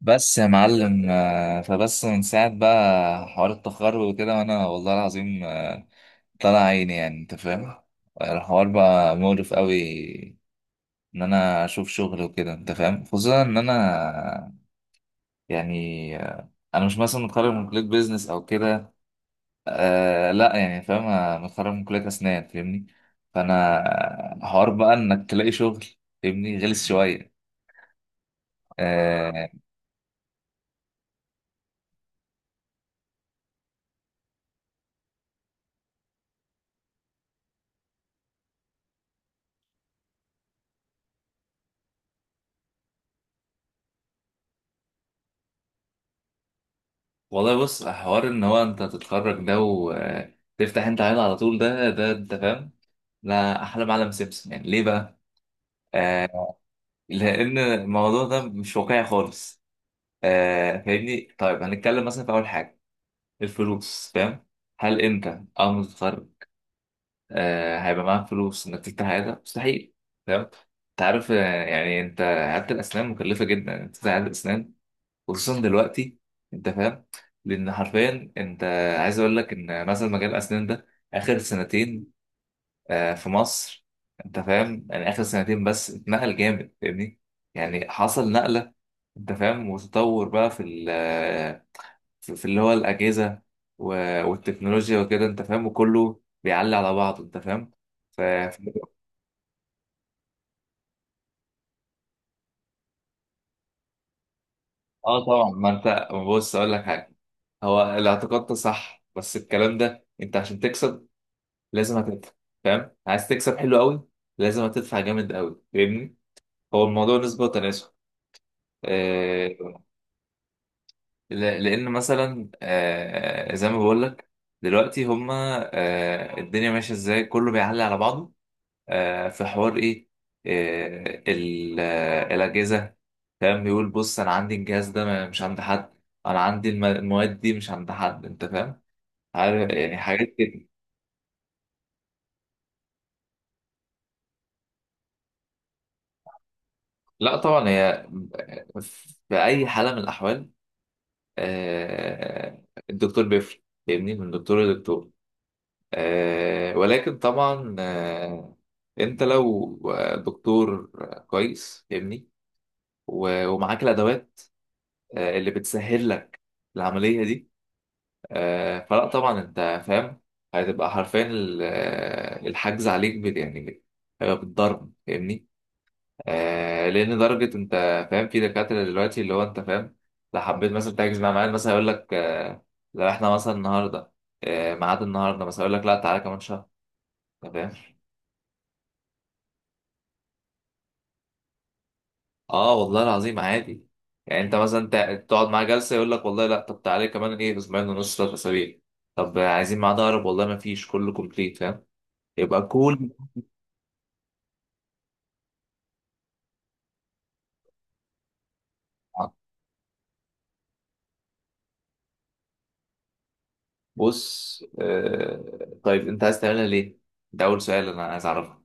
بس يا معلم، فبس من ساعة بقى حوار التخرج وكده وأنا والله العظيم، طلع عيني يعني أنت فاهم. الحوار بقى مقرف قوي، إن أنا أشوف شغل وكده أنت فاهم. خصوصا إن أنا يعني، أنا مش مثلا متخرج من كلية بيزنس أو كده. لا يعني فاهم، أنا متخرج من كلية أسنان فاهمني. فأنا حوار بقى إنك تلاقي شغل، فاهمني. غلس شوية. آه، والله بص، حوار ان هو انت تتخرج ده وتفتح انت عيله على طول ده انت فاهم. لا، احلى معلم سيمسون يعني ليه بقى؟ آه لان الموضوع ده مش واقعي خالص. فاهمني. طيب هنتكلم مثلا في اول حاجه، الفلوس. فاهم، هل انت اول ما تتخرج هيبقى معاك فلوس انك تفتح عيله؟ مستحيل. فاهم، انت عارف. يعني انت، عياده الاسنان مكلفه جدا انت تفتح عياده اسنان، خصوصا دلوقتي انت فاهم. لان حرفيا انت عايز اقول لك ان مثلا مجال الاسنان ده، اخر سنتين في مصر، انت فاهم. يعني اخر سنتين بس اتنقل جامد فاهمني. يعني حصل نقله، انت فاهم، وتطور بقى في ال آه، في اللي هو الاجهزه والتكنولوجيا وكده انت فاهم، وكله بيعلي على بعضه انت فاهم. ف ف- اه طبعا، ما انت بص اقول لك حاجه. هو الاعتقاد ده صح، بس الكلام ده، انت عشان تكسب لازم هتدفع فاهم. عايز تكسب حلو قوي، لازم هتدفع جامد قوي فاهمني. هو الموضوع نسبة وتناسب. آه لأن مثلا زي ما بقول لك، دلوقتي هما، الدنيا ماشية ازاي، كله بيعلي على بعضه. في حوار ايه، الأجهزة. فاهم، بيقول بص أنا عندي الجهاز ده مش عند حد، أنا عندي المواد دي مش عند حد أنت فاهم. عارف يعني حاجات كده. لا طبعا، هي في أي حالة من الأحوال، آه، الدكتور بيفرق فاهمني، من دكتور لدكتور. ولكن طبعا، انت لو دكتور كويس فاهمني، ومعاك الادوات اللي بتسهل لك العمليه دي، فلا طبعا انت فاهم، هتبقى حرفيا الحجز عليك يعني هيبقى بالضرب فاهمني. لان درجه، انت فاهم في دكاتره دلوقتي اللي هو انت فاهم، لو حبيت مثلا تحجز مع معاد مثلا يقول لك لو احنا مثلا النهارده، ميعاد النهارده مثلا، يقول لك لا، تعالى كمان شهر. انت فاهم. اه والله العظيم، عادي. يعني انت مثلا تقعد مع جلسه يقول لك والله لا، طب تعالى كمان ايه، اسبوعين ونص، ثلاث اسابيع. طب عايزين ميعاد اقرب، والله ما فيش، كله كومبليت فاهم. يبقى كل. بص طيب انت عايز تعملها ليه؟ ده اول سؤال انا عايز اعرفه.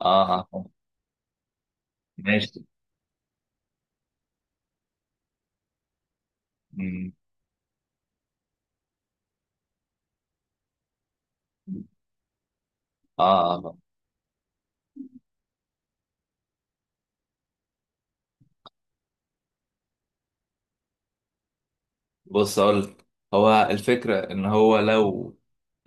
اه، اه، ماشي. مم. اه، بص اقول، هو الفكره ان هو لو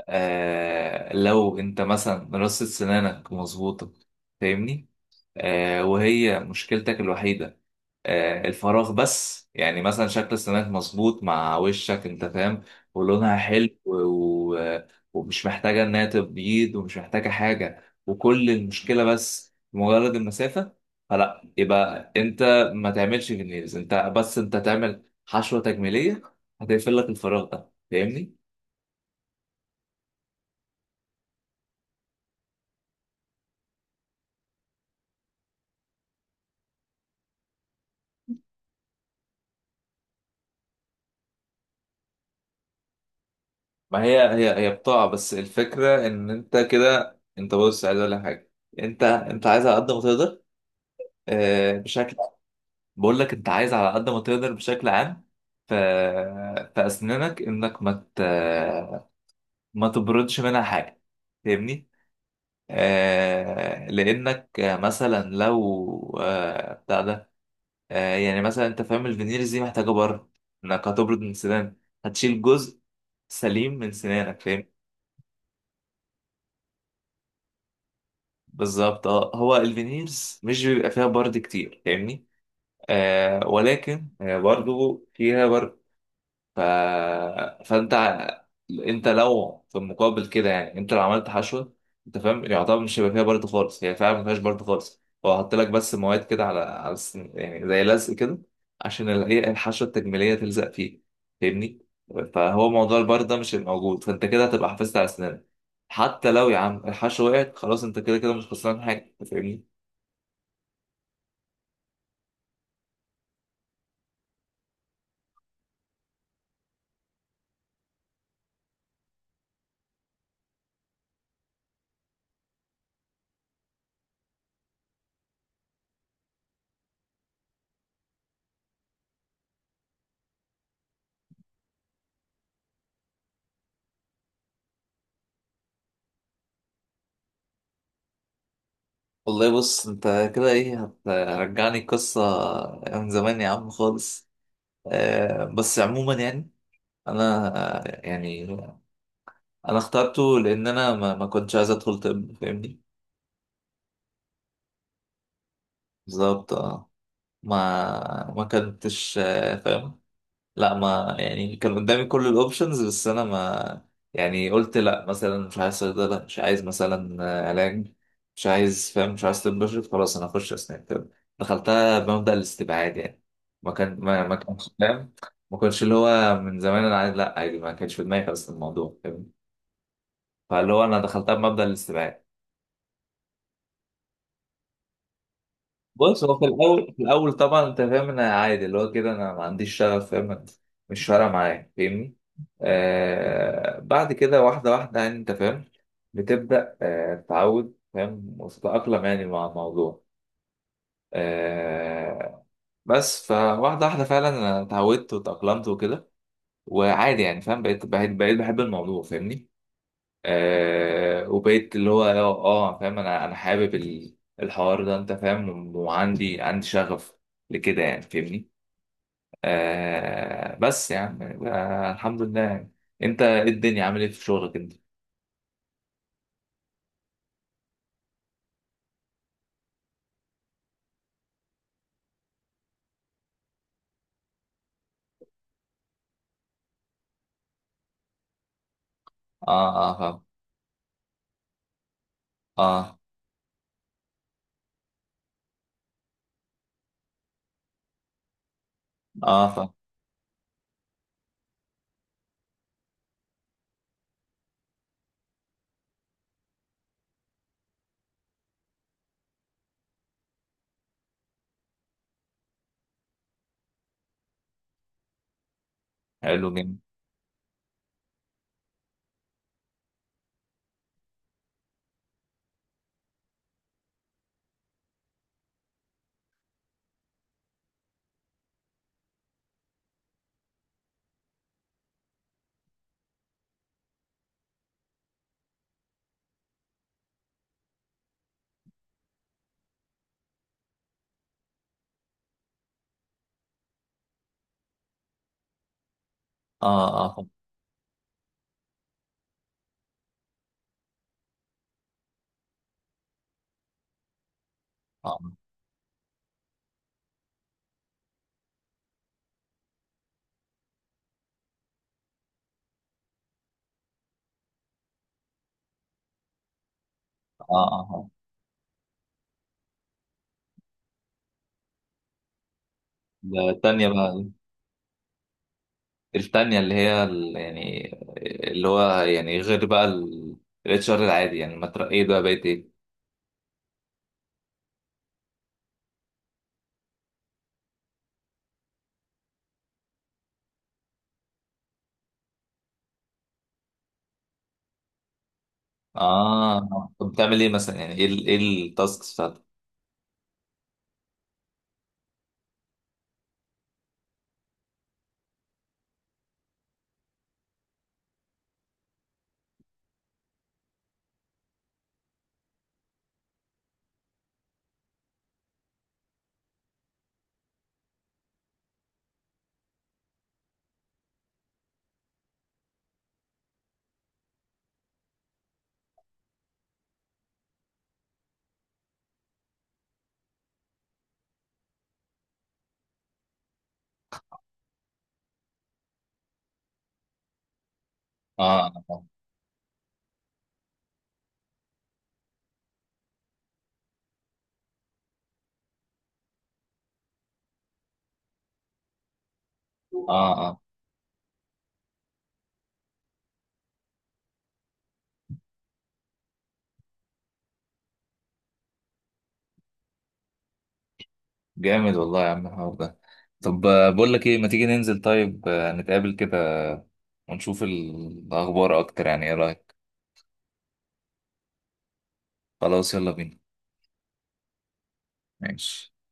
آه لو انت مثلا رصة سنانك مظبوطه فاهمني، وهي مشكلتك الوحيده، الفراغ بس. يعني مثلا شكل السماك مظبوط مع وشك انت فاهم، ولونها حلو و- ومش محتاجة انها تبيض، ومش محتاجة حاجة، وكل المشكلة بس مجرد المسافة. فلا يبقى انت ما تعملش فينيرز، انت بس تعمل حشوة تجميلية هتقفل لك الفراغ ده، فاهمني؟ ما هي بضاعة. بس الفكرة ان انت كده، انت بص عايز اقول لك حاجة. انت عايز على قد ما تقدر، آه، بشكل بقول لك انت عايز على قد ما تقدر بشكل عام، في اسنانك انك ما تبردش منها حاجه فاهمني. لانك مثلا لو بتاع ده يعني مثلا انت فاهم، الفينيرز دي محتاجه برد، انك هتبرد من سنانك، هتشيل جزء سليم من سنانك فاهم. بالظبط اه. هو الفينيرز مش بيبقى فيها برد كتير فاهمني. ولكن برضو فيها برد. ف... فانت، لو في المقابل كده، يعني انت لو عملت حشوه انت فاهم، يعتبر مش هيبقى فيها برد خالص، هي فعلا ما فيهاش برد خالص، هو حط لك بس مواد كده على يعني زي لزق كده عشان ال- ايه الحشوه التجميليه تلزق فيه فاهمني. فهو موضوع البرد ده مش هيبقى موجود، فانت كده هتبقى حافظت على اسنانك. حتى لو يا عم الحشوه وقعت خلاص، انت كده كده مش خسران حاجه أنت فاهمني. والله بص، انت كده ايه، هترجعني القصه من زمان يا عم خالص. بس عموما يعني، انا، يعني انا اخترته لان انا ما كنتش عايز ادخل طب فاهمني. بالظبط اه. ما كنتش فاهم. لا ما يعني، كان قدامي كل الاوبشنز، بس انا ما يعني قلت لا، مثلا مش عايز صيدله، مش عايز مثلا علاج، مش عايز فاهم، مش عايز طب بشري، خلاص انا اخش اسنان طب. دخلتها بمبدأ الاستبعاد يعني. ما كانش فاهم. ما كنتش اللي هو من زمان انا عايز، لا عادي، ما كانش في دماغي خالص الموضوع فاهم. فاللي هو انا دخلتها بمبدأ الاستبعاد. بص، هو في الاول طبعا انت فاهم، انا عادي اللي هو كده، انا ما عنديش شغف فاهم، مش فارقه معايا فاهمني. بعد كده، واحده واحده يعني انت فاهم، بتبدا تتعود فاهم، وتتاقلم يعني مع الموضوع. آه بس فواحده واحده فعلا انا اتعودت وتاقلمت وكده. وعادي يعني فاهم، بقيت بحب الموضوع فاهمني. وبقيت اللي هو، فاهم انا حابب الحوار ده انت فاهم، وعندي شغف لكده يعني فاهمني. بس يعني، الحمد لله يعني. انت، إيه الدنيا عامل ايه في شغلك انت؟ اه، اه، فاهم. اه، اه، فاهم. حلو جدا. اه، اه، فاهم. اه، اه، فاهم. ده التانية بقى. التانية اللي هي، يعني اللي هو يعني، غير بقى الاتش ار العادي يعني، ما ترقيت بقى بقيت ايه؟ اه، طب بتعمل ايه مثلا، يعني ايه التاسكس بتاعتك؟ اه، اه، اه. جامد والله يا عم الحوار ده. طب بقول لك ايه، ما تيجي ننزل طيب، نتقابل كده ونشوف الاخبار اكتر، يعني ايه رايك؟ خلاص يلا بينا. ماشي.